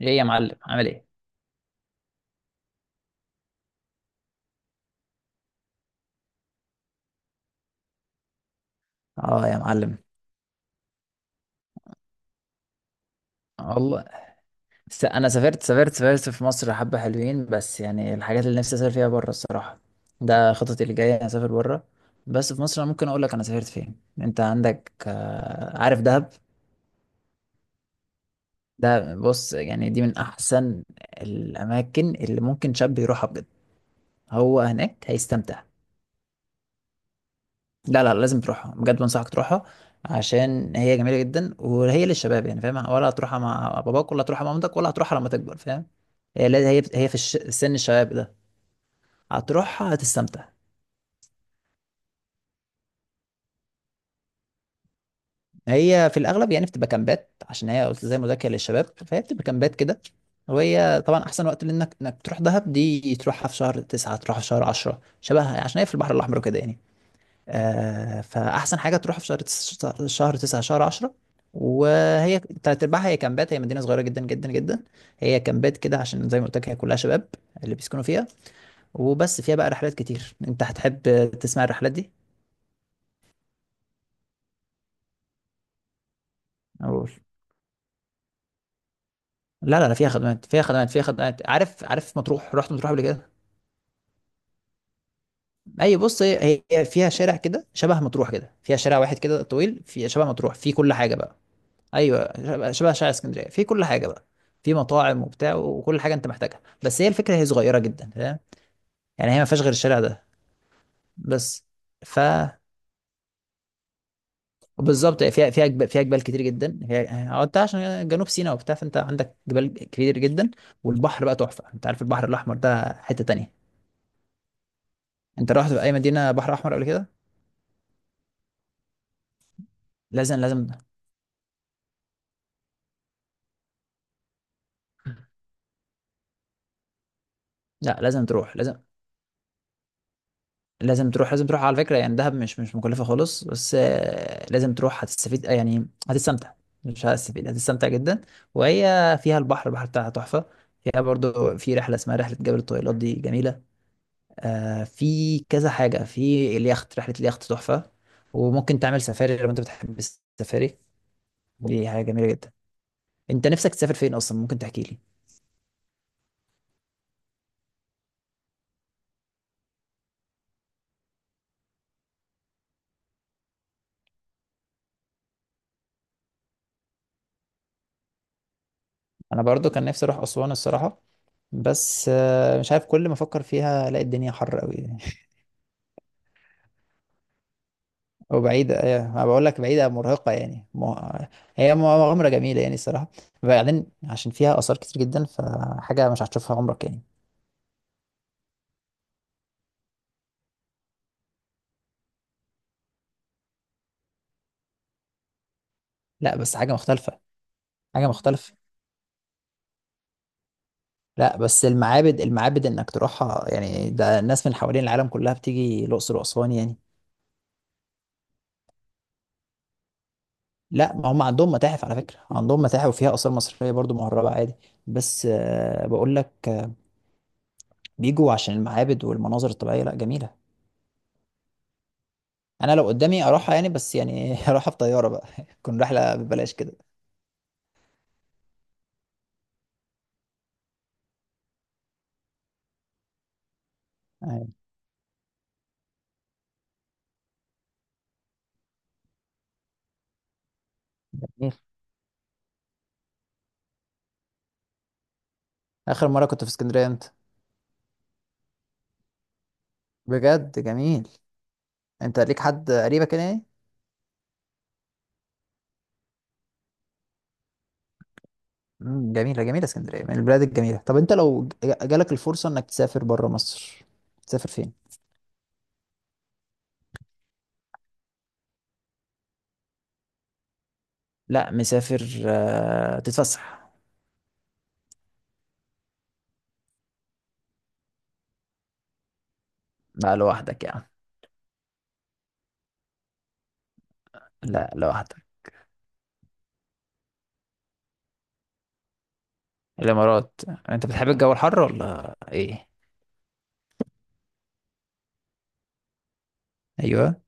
ايه يا معلم عامل ايه. اه يا معلم، والله انا سافرت في مصر حبة حلوين، بس يعني الحاجات اللي نفسي اسافر فيها بره الصراحة. ده خططي اللي جاية أنا اسافر بره. بس في مصر انا ممكن اقول لك انا سافرت فين. انت عندك عارف دهب؟ ده بص، يعني دي من احسن الاماكن اللي ممكن شاب يروحها بجد. هو هناك هيستمتع. لا لا، لازم تروحها بجد، بنصحك تروحها. عشان هي جميلة جدا، وهي للشباب يعني، فاهم؟ ولا هتروحها مع باباك، ولا هتروحها مع مامتك، ولا هتروحها لما تكبر، فاهم؟ هي لا- هي هي في سن الشباب ده هتروحها هتستمتع. هي في الأغلب يعني بتبقى كامبات، عشان هي قلت زي ما قلت لك هي للشباب، فهي بتبقى كامبات كده. وهي طبعا أحسن وقت، لأنك إنك تروح دهب دي تروحها في شهر تسعة، تروحها في شهر عشرة شبهها، عشان هي في البحر الأحمر كده يعني. فأحسن حاجة تروح في شهر تسعة شهر عشرة. وهي تلات أرباعها هي كامبات، هي مدينة صغيرة جدا جدا جدا. هي كامبات كده، عشان زي ما قلت لك هي كلها شباب اللي بيسكنوا فيها. وبس فيها بقى رحلات كتير أنت هتحب تسمع الرحلات دي؟ أقول. لا لا لا، فيها خدمات فيها خدمات فيها خدمات. عارف عارف مطروح؟ رحت مطروح قبل كده؟ أي بص، هي فيها شارع كده شبه مطروح، كده فيها شارع واحد كده طويل، في شبه مطروح، فيه كل حاجة بقى. ايوه، شبه شارع اسكندريه، في كل حاجه بقى. في مطاعم وبتاع وكل حاجه انت محتاجها، بس هي الفكره هي صغيره جدا، فاهم؟ يعني هي ما فيهاش غير الشارع ده بس. ف بالظبط، فيها جبال، فيها جبال كتير جدا. هي هو انت عشان جنوب سيناء وبتاع، فانت عندك جبال كتير جدا. والبحر بقى تحفه، انت عارف البحر الاحمر ده حته تانية. انت رحت في اي مدينه بحر احمر قبل كده؟ لازم لازم. لا لازم تروح، لازم. لازم تروح، لازم تروح على فكرة. يعني دهب مش مكلفة خالص، بس لازم تروح هتستفيد، يعني هتستمتع. مش هتستفيد، هتستمتع جدا. وهي فيها البحر، البحر بتاعها تحفة. فيها برضو في رحلة اسمها رحلة جبل الطويلات، دي جميلة. في كذا حاجة، في اليخت، رحلة اليخت تحفة. وممكن تعمل سفاري لو انت بتحب السفاري، دي حاجة جميلة جدا. انت نفسك تسافر فين اصلا؟ ممكن تحكي لي. انا برضو كان نفسي اروح اسوان الصراحة، بس مش عارف، كل ما افكر فيها الاقي الدنيا حر قوي. هو بعيدة إيه، أنا بقول لك بعيدة مرهقة يعني هي مغامرة جميلة يعني الصراحة. بعدين عشان فيها آثار كتير جدا، فحاجة مش هتشوفها عمرك يعني. لا بس حاجة مختلفة. حاجة مختلفة. لا بس المعابد، المعابد إنك تروحها يعني، ده الناس من حوالين العالم كلها بتيجي الأقصر وأسوان يعني. لا ما هم عندهم متاحف على فكرة، عندهم متاحف وفيها آثار مصرية برضو مهربة عادي. بس بقول لك بيجوا عشان المعابد والمناظر الطبيعية، لا جميلة. أنا لو قدامي أروحها يعني، بس يعني أروحها في طيارة بقى تكون رحلة ببلاش كده. أيوة. جميل. اخر مره كنت في اسكندريه انت؟ بجد جميل. انت ليك حد قريبك هنا يعني؟ جميله جميله، اسكندريه من البلاد الجميله. طب انت لو جالك الفرصه انك تسافر بره مصر، تسافر فين؟ لا مسافر تتفسح. لا لوحدك يعني. لا لوحدك. الامارات. انت بتحب الجو الحر ولا ايه؟ ايوه،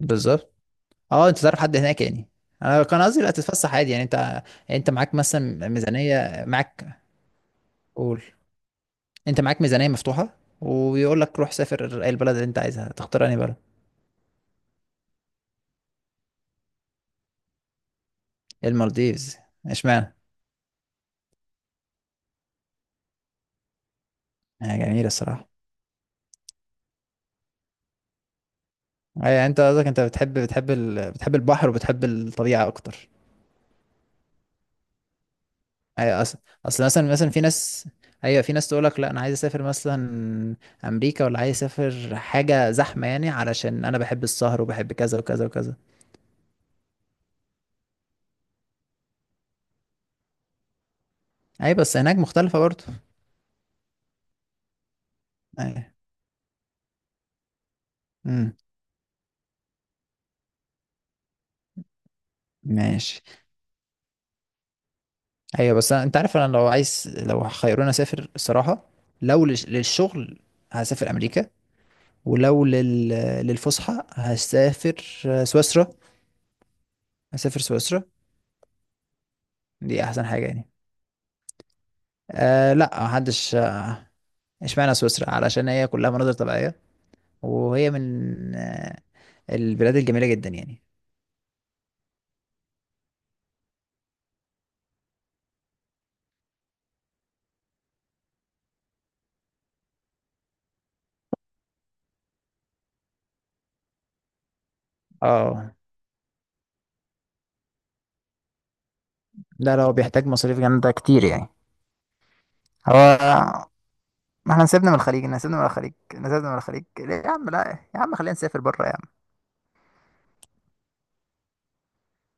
بالظبط. اه انت تعرف حد هناك يعني. انا كان قصدي لا تتفسح عادي يعني انت. يعني انت معاك مثلا ميزانيه معاك. قول. انت معاك ميزانية مفتوحة، ويقول لك روح سافر اي البلد اللي انت عايزها، تختار انهي بلد؟ المالديفز. اشمعنى؟ هي جميلة الصراحة. اي انت قصدك انت بتحب بتحب البحر وبتحب الطبيعة اكتر. اي اصل. اصل مثلا في ناس، ايوه في ناس تقول لك لا انا عايز اسافر مثلا امريكا، ولا عايز اسافر حاجة زحمة يعني، علشان انا بحب السهر وبحب كذا وكذا وكذا. اي بس هناك مختلفة برضه. اي. امم. ماشي. ايوه بس أنا، انت عارف انا لو عايز، لو خيروني اسافر الصراحه، لو للشغل هسافر امريكا، ولو للفسحه هسافر سويسرا. هسافر سويسرا، دي احسن حاجه يعني. أه لا محدش. اشمعنى سويسرا؟ علشان هي كلها مناظر طبيعيه، وهي من البلاد الجميله جدا يعني. اه لا، لو بيحتاج مصاريف جامده كتير يعني. هو ما احنا نسيبنا من الخليج، نسيبنا من الخليج، نسيبنا من الخليج ليه يا عم؟ لا يا عم خلينا نسافر بره.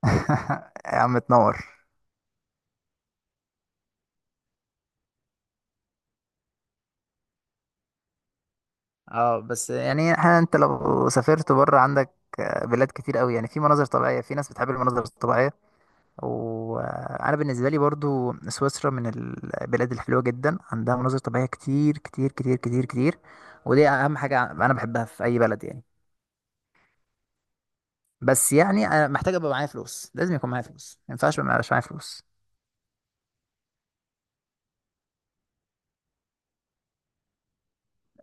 يا عم تنور. اه بس يعني احنا، انت لو سافرت بره عندك بلاد كتير قوي يعني، في مناظر طبيعية، في ناس بتحب المناظر الطبيعية. وانا بالنسبة لي برضو سويسرا من البلاد الحلوة جدا، عندها مناظر طبيعية كتير كتير كتير كتير كتير. ودي اهم حاجة انا بحبها في اي بلد يعني. بس يعني أنا محتاج ابقى معايا فلوس، لازم يكون معايا فلوس، ما ينفعش ما يبقاش معايا فلوس.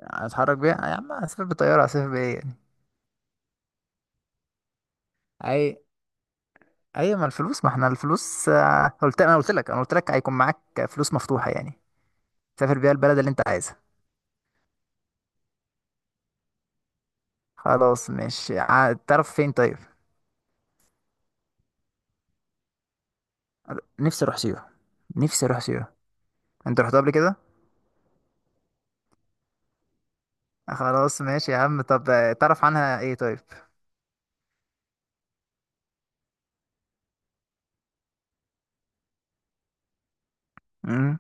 اتحرك بيها يا عم؟ اسافر بالطيارة، اسافر بايه يعني؟ اي. ايوه ما الفلوس، ما احنا الفلوس قلت، انا قلت لك هيكون معاك فلوس مفتوحه يعني، تسافر بيها البلد اللي انت عايزها. خلاص مش تعرف فين طيب. نفسي اروح سيوه، نفسي اروح سيوه. انت رحت قبل كده؟ خلاص ماشي يا عم. طب تعرف عنها ايه طيب؟ امم.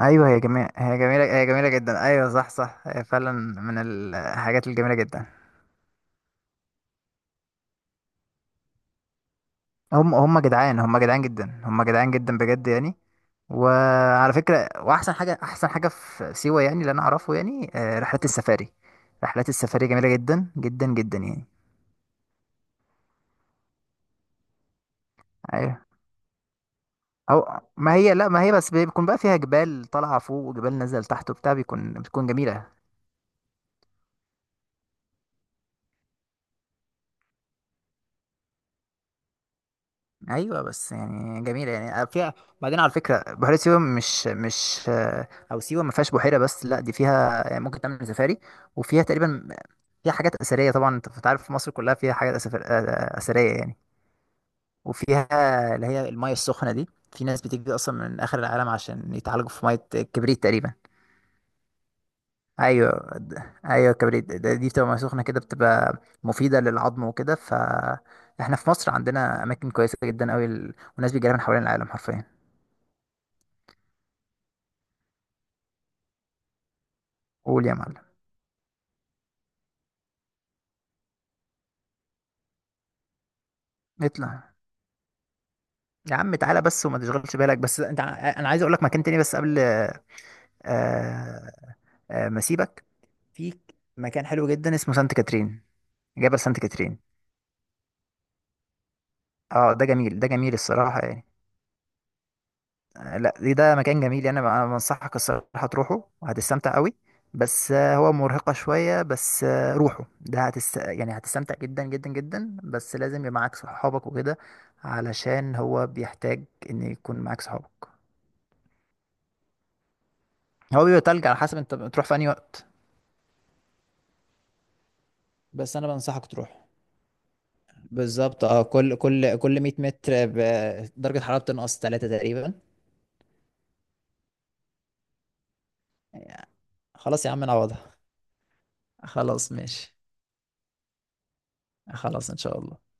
ايوه هي جميله، هي جميله، هي جميله جدا، ايوه صح صح، هي فعلا من الحاجات الجميله جدا. هم هم جدعان، هم جدعان جدا، هم جدعان جدا بجد يعني. وعلى فكرة، وأحسن حاجة، أحسن حاجة في سيوة يعني اللي أنا أعرفه يعني، رحلات السفاري. رحلات السفاري جميلة جدا جدا جدا يعني. أيوه. أو ما هي، لا ما هي بس بيكون بقى فيها جبال طالعة فوق وجبال نازلة تحت وبتاع، بيكون بتكون جميلة. ايوه بس يعني جميله يعني، فيها. بعدين على فكره، بحيره سيوه مش مش او سيوه ما فيهاش بحيره، بس لا دي فيها، يعني ممكن تعمل سفاري. وفيها تقريبا، فيها حاجات اثريه طبعا، انت أنت عارف مصر كلها فيها حاجات اثريه يعني. وفيها اللي هي الميه السخنه دي، في ناس بتيجي اصلا من اخر العالم عشان يتعالجوا في ميه الكبريت تقريبا. ايوه. ايوه الكبريت دي بتبقى ميه سخنه كده، بتبقى مفيده للعظم وكده، فاحنا في مصر عندنا اماكن كويسه جدا قوي والناس بيجي لها من حوالين العالم حرفيا. قول يا معلم. اطلع يا عم، تعالى بس وما تشغلش بالك، بس انت انا عايز اقول لك مكان تاني بس قبل آه، ما اسيبك. في مكان حلو جدا اسمه سانت كاترين، جبل سانت كاترين. اه ده جميل، ده جميل الصراحة يعني. لا ده ده مكان جميل يعني، انا بنصحك الصراحة تروحه وهتستمتع قوي. بس هو مرهقة شوية، بس روحه، ده يعني هتستمتع جدا جدا جدا، بس لازم يبقى معاك صحابك وكده، علشان هو بيحتاج ان يكون معاك صحابك. هو بيبقى تلج على حسب انت بتروح في انهي وقت. بس انا بنصحك تروح. بالظبط، اه، كل كل كل 100 متر درجة حرارة بتنقص 3 تقريبا يعني. خلاص يا عم نعوضها. خلاص ماشي. خلاص ان شاء الله.